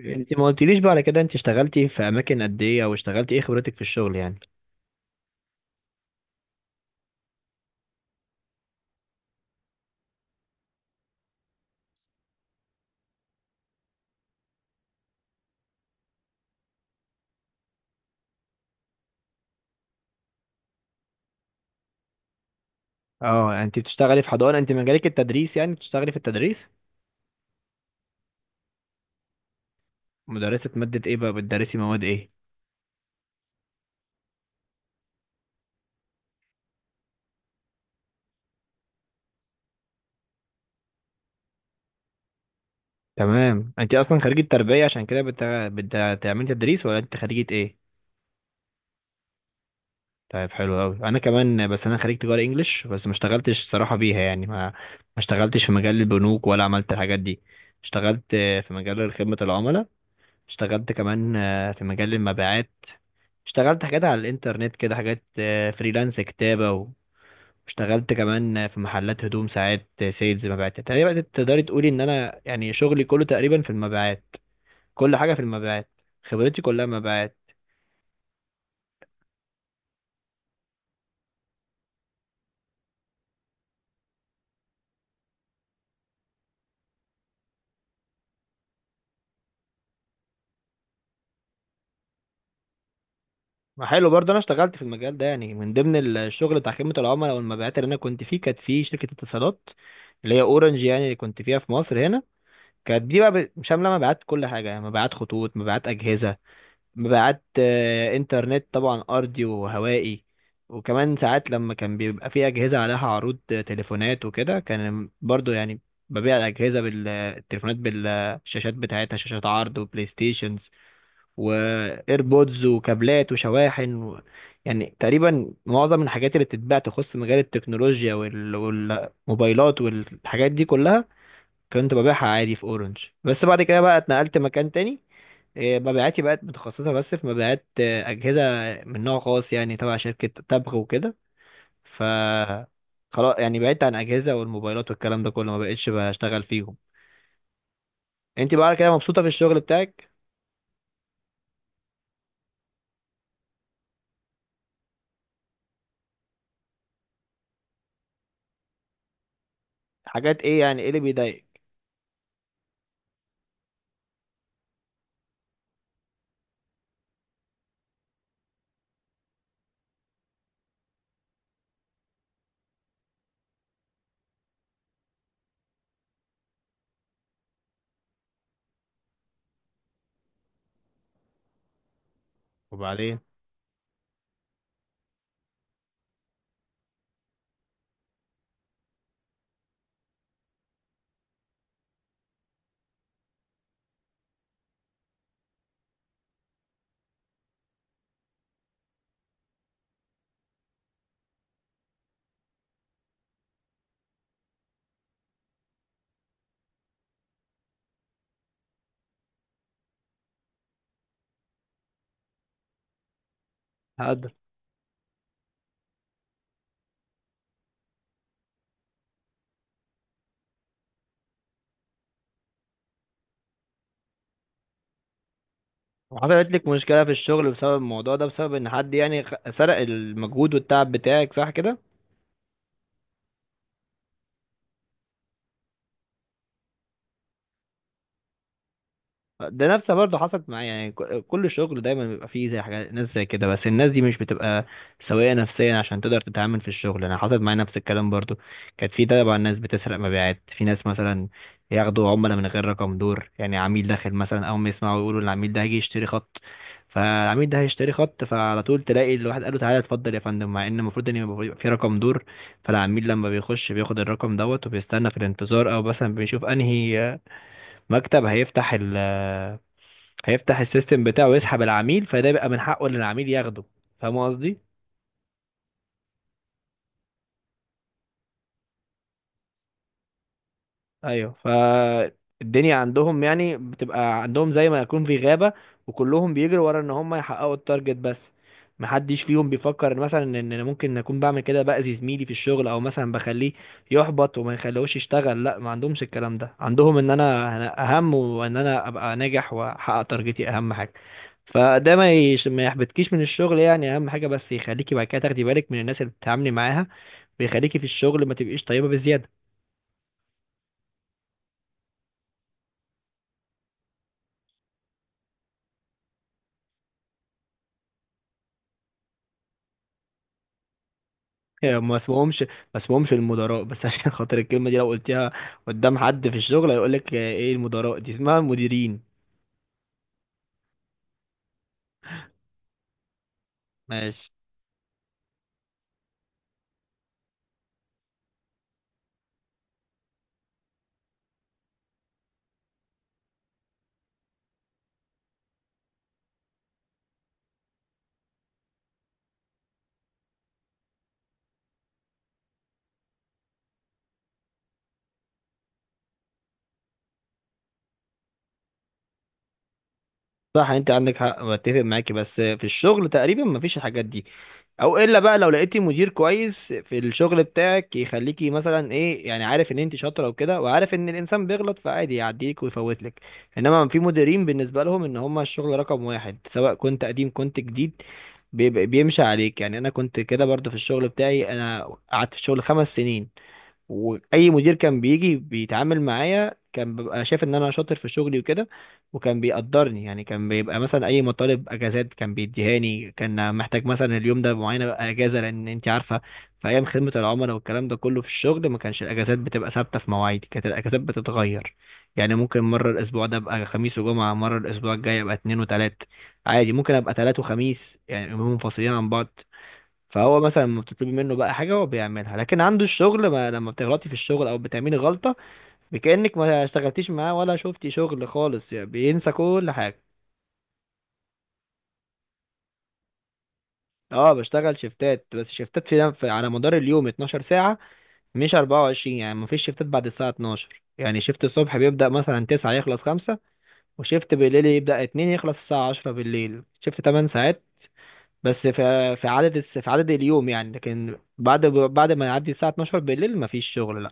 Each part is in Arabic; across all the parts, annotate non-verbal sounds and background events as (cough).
إيه. انت ما قلتليش بقى على كده، انت اشتغلتي في اماكن قد ايه، او اشتغلتي ايه، خبرتك في الشغل يعني؟ اه انت بتشتغلي في حضانه، انت مجالك التدريس يعني، بتشتغلي في التدريس؟ مدرسه ماده ايه بقى، بتدرسي مواد ايه؟ تمام. انت اصلا خريجه تربيه عشان كده بتعملي تدريس، ولا انت خريجه ايه؟ طيب، حلو قوي. انا كمان، بس انا خريج تجاره انجلش، بس ما اشتغلتش الصراحه بيها يعني ما اشتغلتش في مجال البنوك، ولا عملت الحاجات دي. اشتغلت في مجال خدمه العملاء. اشتغلت كمان في مجال المبيعات. اشتغلت حاجات على الانترنت كده، حاجات فريلانس كتابة. واشتغلت كمان في محلات هدوم ساعات سيلز، مبيعات. تقريبا تقدري تقولي ان انا يعني شغلي كله تقريبا في المبيعات. كل حاجة في المبيعات. خبرتي كلها مبيعات. ما حلو برضه. انا اشتغلت في المجال ده يعني، من ضمن الشغل بتاع خدمة العملاء والمبيعات اللي انا كنت فيه، كانت في شركة اتصالات اللي هي اورنج يعني، اللي كنت فيها في مصر هنا. كانت دي بقى شاملة مبيعات كل حاجة، يعني مبيعات خطوط، مبيعات أجهزة، مبيعات انترنت طبعا ارضي وهوائي. وكمان ساعات لما كان بيبقى في اجهزه عليها عروض تليفونات وكده، كان برضو يعني ببيع الاجهزه بالتليفونات، بالشاشات بتاعتها، شاشات عرض وبلاي ستيشنز وايربودز وكابلات وشواحن يعني تقريبا معظم الحاجات اللي بتتباع تخص مجال التكنولوجيا والموبايلات والحاجات دي كلها، كنت ببيعها عادي في اورنج. بس بعد كده بقى اتنقلت مكان تاني. إيه، مبيعاتي بقت متخصصة بس في مبيعات أجهزة من نوع خاص يعني، تبع شركة تبغ وكده. ف خلاص يعني بعدت عن أجهزة والموبايلات والكلام ده كله، ما بقتش بشتغل فيهم. انت بقى كده مبسوطة في الشغل بتاعك؟ حاجات ايه يعني، ايه اللي بيضايقك؟ وبعدين؟ هقدر. وحصلت لك مشكلة في الشغل بسبب الموضوع ده، بسبب ان حد يعني سرق المجهود والتعب بتاعك، صح كده؟ ده نفسها برضه حصلت معايا. يعني كل شغل دايما بيبقى فيه زي حاجات ناس زي كده، بس الناس دي مش بتبقى سوية نفسيا عشان تقدر تتعامل في الشغل. انا حصلت معايا نفس الكلام برضه. كانت في طبعا ناس بتسرق مبيعات، في ناس مثلا ياخدوا عملاء من غير رقم دور، يعني عميل داخل مثلا، اول ما يسمعوا يقولوا العميل ده هيجي يشتري خط، فالعميل ده هيشتري خط، فعلى طول تلاقي الواحد قال له تعالى اتفضل يا فندم، مع ان المفروض ان يبقى في رقم دور. فالعميل لما بيخش بياخد الرقم دوت وبيستنى في الانتظار، او مثلا بيشوف انهي مكتب هيفتح هيفتح السيستم بتاعه ويسحب العميل، فده بيبقى من حقه ان العميل ياخده. فاهم قصدي؟ ايوه. فالدنيا عندهم يعني بتبقى عندهم زي ما يكون في غابة، وكلهم بيجروا ورا ان هم يحققوا التارجت بس. محدش فيهم بيفكر إن مثلا ان انا ممكن اكون بعمل كده، باذي زميلي في الشغل، او مثلا بخليه يحبط وما يخليهوش يشتغل. لا، ما عندهمش الكلام ده، عندهم ان انا اهم، وان انا ابقى ناجح واحقق تارجتي اهم حاجة. فده ما يحبطكيش من الشغل يعني، اهم حاجه بس يخليكي بعد كده تاخدي بالك من الناس اللي بتتعاملي معاها، ويخليكي في الشغل ما تبقيش طيبه بزياده. (laughs) يعني ما اسمهمش ما اسمهمش المدراء بس. (laughs) عشان خاطر الكلمه دي لو قلتيها قدام حد في الشغل هيقول لك ايه المدراء دي، اسمها المديرين. ماشي. صح، انت عندك حق، بتفق معاكي. بس في الشغل تقريبا ما فيش الحاجات دي، او الا بقى لو لقيتي مدير كويس في الشغل بتاعك، يخليكي مثلا ايه يعني، عارف ان انت شاطره وكده، وعارف ان الانسان بيغلط فعادي يعديك ويفوتلك. انما في مديرين بالنسبه لهم ان هم الشغل رقم واحد، سواء كنت قديم كنت جديد، بيمشي عليك. يعني انا كنت كده برضو في الشغل بتاعي. انا قعدت في الشغل خمس سنين، واي مدير كان بيجي بيتعامل معايا كان بيبقى شايف ان انا شاطر في شغلي وكده، وكان بيقدرني. يعني كان بيبقى مثلا اي مطالب اجازات كان بيديهاني، كان محتاج مثلا اليوم ده معينه بقى اجازه، لان انت عارفه في ايام خدمه العملاء والكلام ده كله في الشغل، ما كانش الاجازات بتبقى ثابته في مواعيدي، كانت الاجازات بتتغير. يعني ممكن مره الاسبوع ده ابقى خميس وجمعه، مره الاسبوع الجاي ابقى اتنين وتلات، عادي، ممكن ابقى تلات وخميس، يعني يومين منفصلين عن بعض. فهو مثلا لما بتطلبي منه بقى حاجه هو بيعملها، لكن عنده الشغل، ما لما بتغلطي في الشغل او بتعملي غلطه، بكأنك ما اشتغلتيش معاه ولا شفتي شغل خالص، يعني بينسى كل حاجه. اه، بشتغل شيفتات. بس شيفتات على مدار اليوم 12 ساعه، مش 24، يعني ما فيش شيفتات بعد الساعه 12. يعني شيفت الصبح بيبدأ مثلا 9 يخلص 5، وشيفت بالليل يبدأ 2 يخلص الساعه 10 بالليل، شيفت 8 ساعات. بس في عدد في عدد اليوم يعني. لكن بعد ما يعدي الساعه 12 بالليل ما فيش شغل.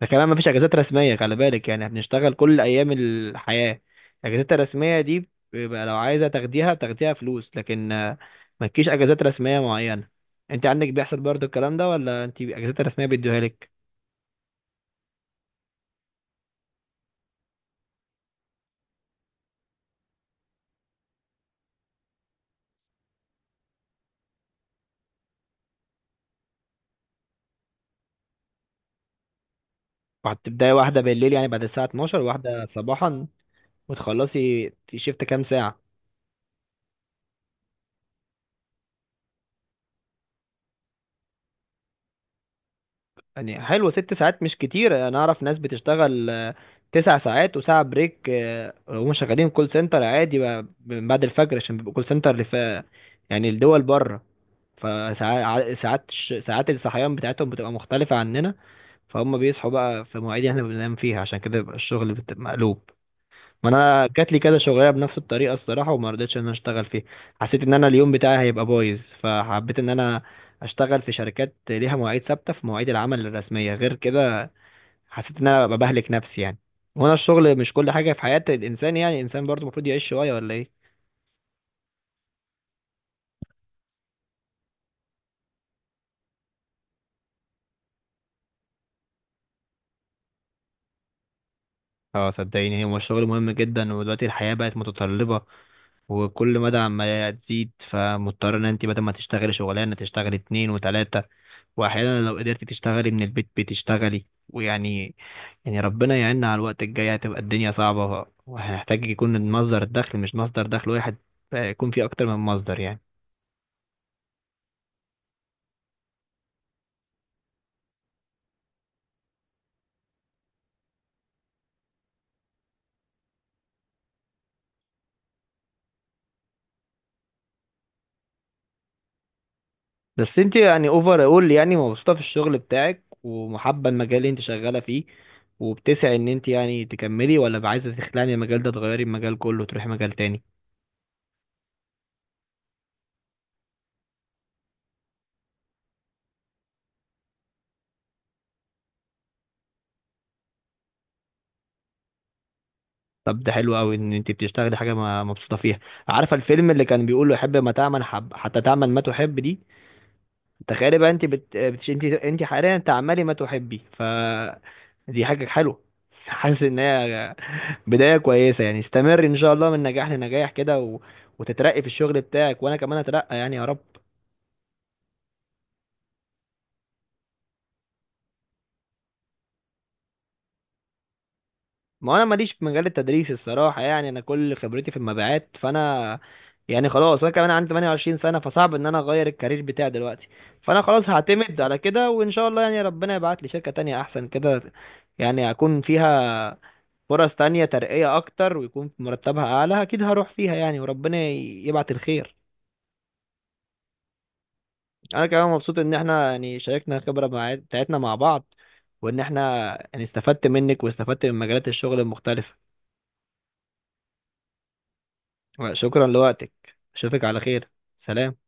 ده كمان مفيش اجازات رسميه، خلي بالك، يعني بنشتغل كل ايام الحياه. الاجازات الرسميه دي بيبقى لو عايزه تاخديها بتاخديها فلوس، لكن مالكيش اجازات رسميه معينه. انت عندك بيحصل برضو الكلام ده، ولا انت اجازات رسميه بيدوها لك؟ وهتبداي واحده بالليل، يعني بعد الساعه 12 واحده صباحا، وتخلصي شيفت كام ساعه؟ يعني حلوة، ست ساعات مش كتير. انا اعرف ناس بتشتغل تسع ساعات وساعة بريك وهم شغالين كول سنتر عادي بقى من بعد الفجر، عشان بيبقوا كول سنتر اللي في يعني الدول بره. فساعات ساعات الصحيان بتاعتهم بتبقى مختلفة عننا. فهم بيصحوا بقى في مواعيد يعني احنا بننام فيها، عشان كده بيبقى الشغل مقلوب. ما انا جات لي كذا شغلانه بنفس الطريقه الصراحه، وما رضيتش ان انا اشتغل فيها. حسيت ان انا اليوم بتاعي هيبقى بايظ، فحبيت ان انا اشتغل في شركات ليها مواعيد ثابته في مواعيد العمل الرسميه غير كده. حسيت ان انا ببقى بهلك نفسي يعني. وانا الشغل مش كل حاجه في حياه الانسان يعني، الانسان برضو المفروض يعيش شويه، ولا ايه؟ اه، صدقيني، هو الشغل مهم جدا. ودلوقتي الحياه بقت متطلبه، وكل مدى عمالة تزيد، فمضطر ان انت بدل ما تشتغلي شغلانه تشتغلي اتنين وتلاته، واحيانا لو قدرتي تشتغلي من البيت بتشتغلي ويعني، يعني ربنا يعيننا على الوقت الجاي، هتبقى الدنيا صعبة وهنحتاج يكون مصدر الدخل مش مصدر دخل واحد، يكون فيه أكتر من مصدر يعني. بس أنت يعني، أوفر أول، يعني مبسوطة في الشغل بتاعك ومحبة المجال اللي أنت شغالة فيه، وبتسعي إن أنت يعني تكملي، ولا عايزة تخلعي من المجال ده، تغيري المجال كله وتروحي مجال تاني؟ طب، ده حلو أوي إن أنت بتشتغلي حاجة مبسوطة فيها. عارفة الفيلم اللي كان بيقول له حب ما تعمل، حب حتى تعمل ما تحب دي؟ تخيلي بقى انت بت... بتش... انت انت حاليا تعملي ما تحبي. دي حاجة حلوة. (laughs) حاسس ان هي بداية كويسة. يعني استمر ان شاء الله من نجاح لنجاح كده وتترقي في الشغل بتاعك، وانا كمان اترقى يعني يا رب. ما انا ماليش في مجال التدريس الصراحة يعني، انا كل خبرتي في المبيعات. فانا يعني خلاص. وانا كمان عندي 28 سنة فصعب ان انا اغير الكارير بتاعي دلوقتي. فانا خلاص هعتمد على كده، وان شاء الله يعني ربنا يبعت لي شركة تانية احسن كده، يعني اكون فيها فرص تانية، ترقية أكتر ويكون مرتبها أعلى، أكيد هروح فيها يعني. وربنا يبعت الخير. أنا كمان مبسوط إن إحنا يعني شاركنا الخبرة بتاعتنا مع بعض، وإن إحنا يعني استفدت منك واستفدت من مجالات الشغل المختلفة. شكرا لوقتك. أشوفك على خير. سلام.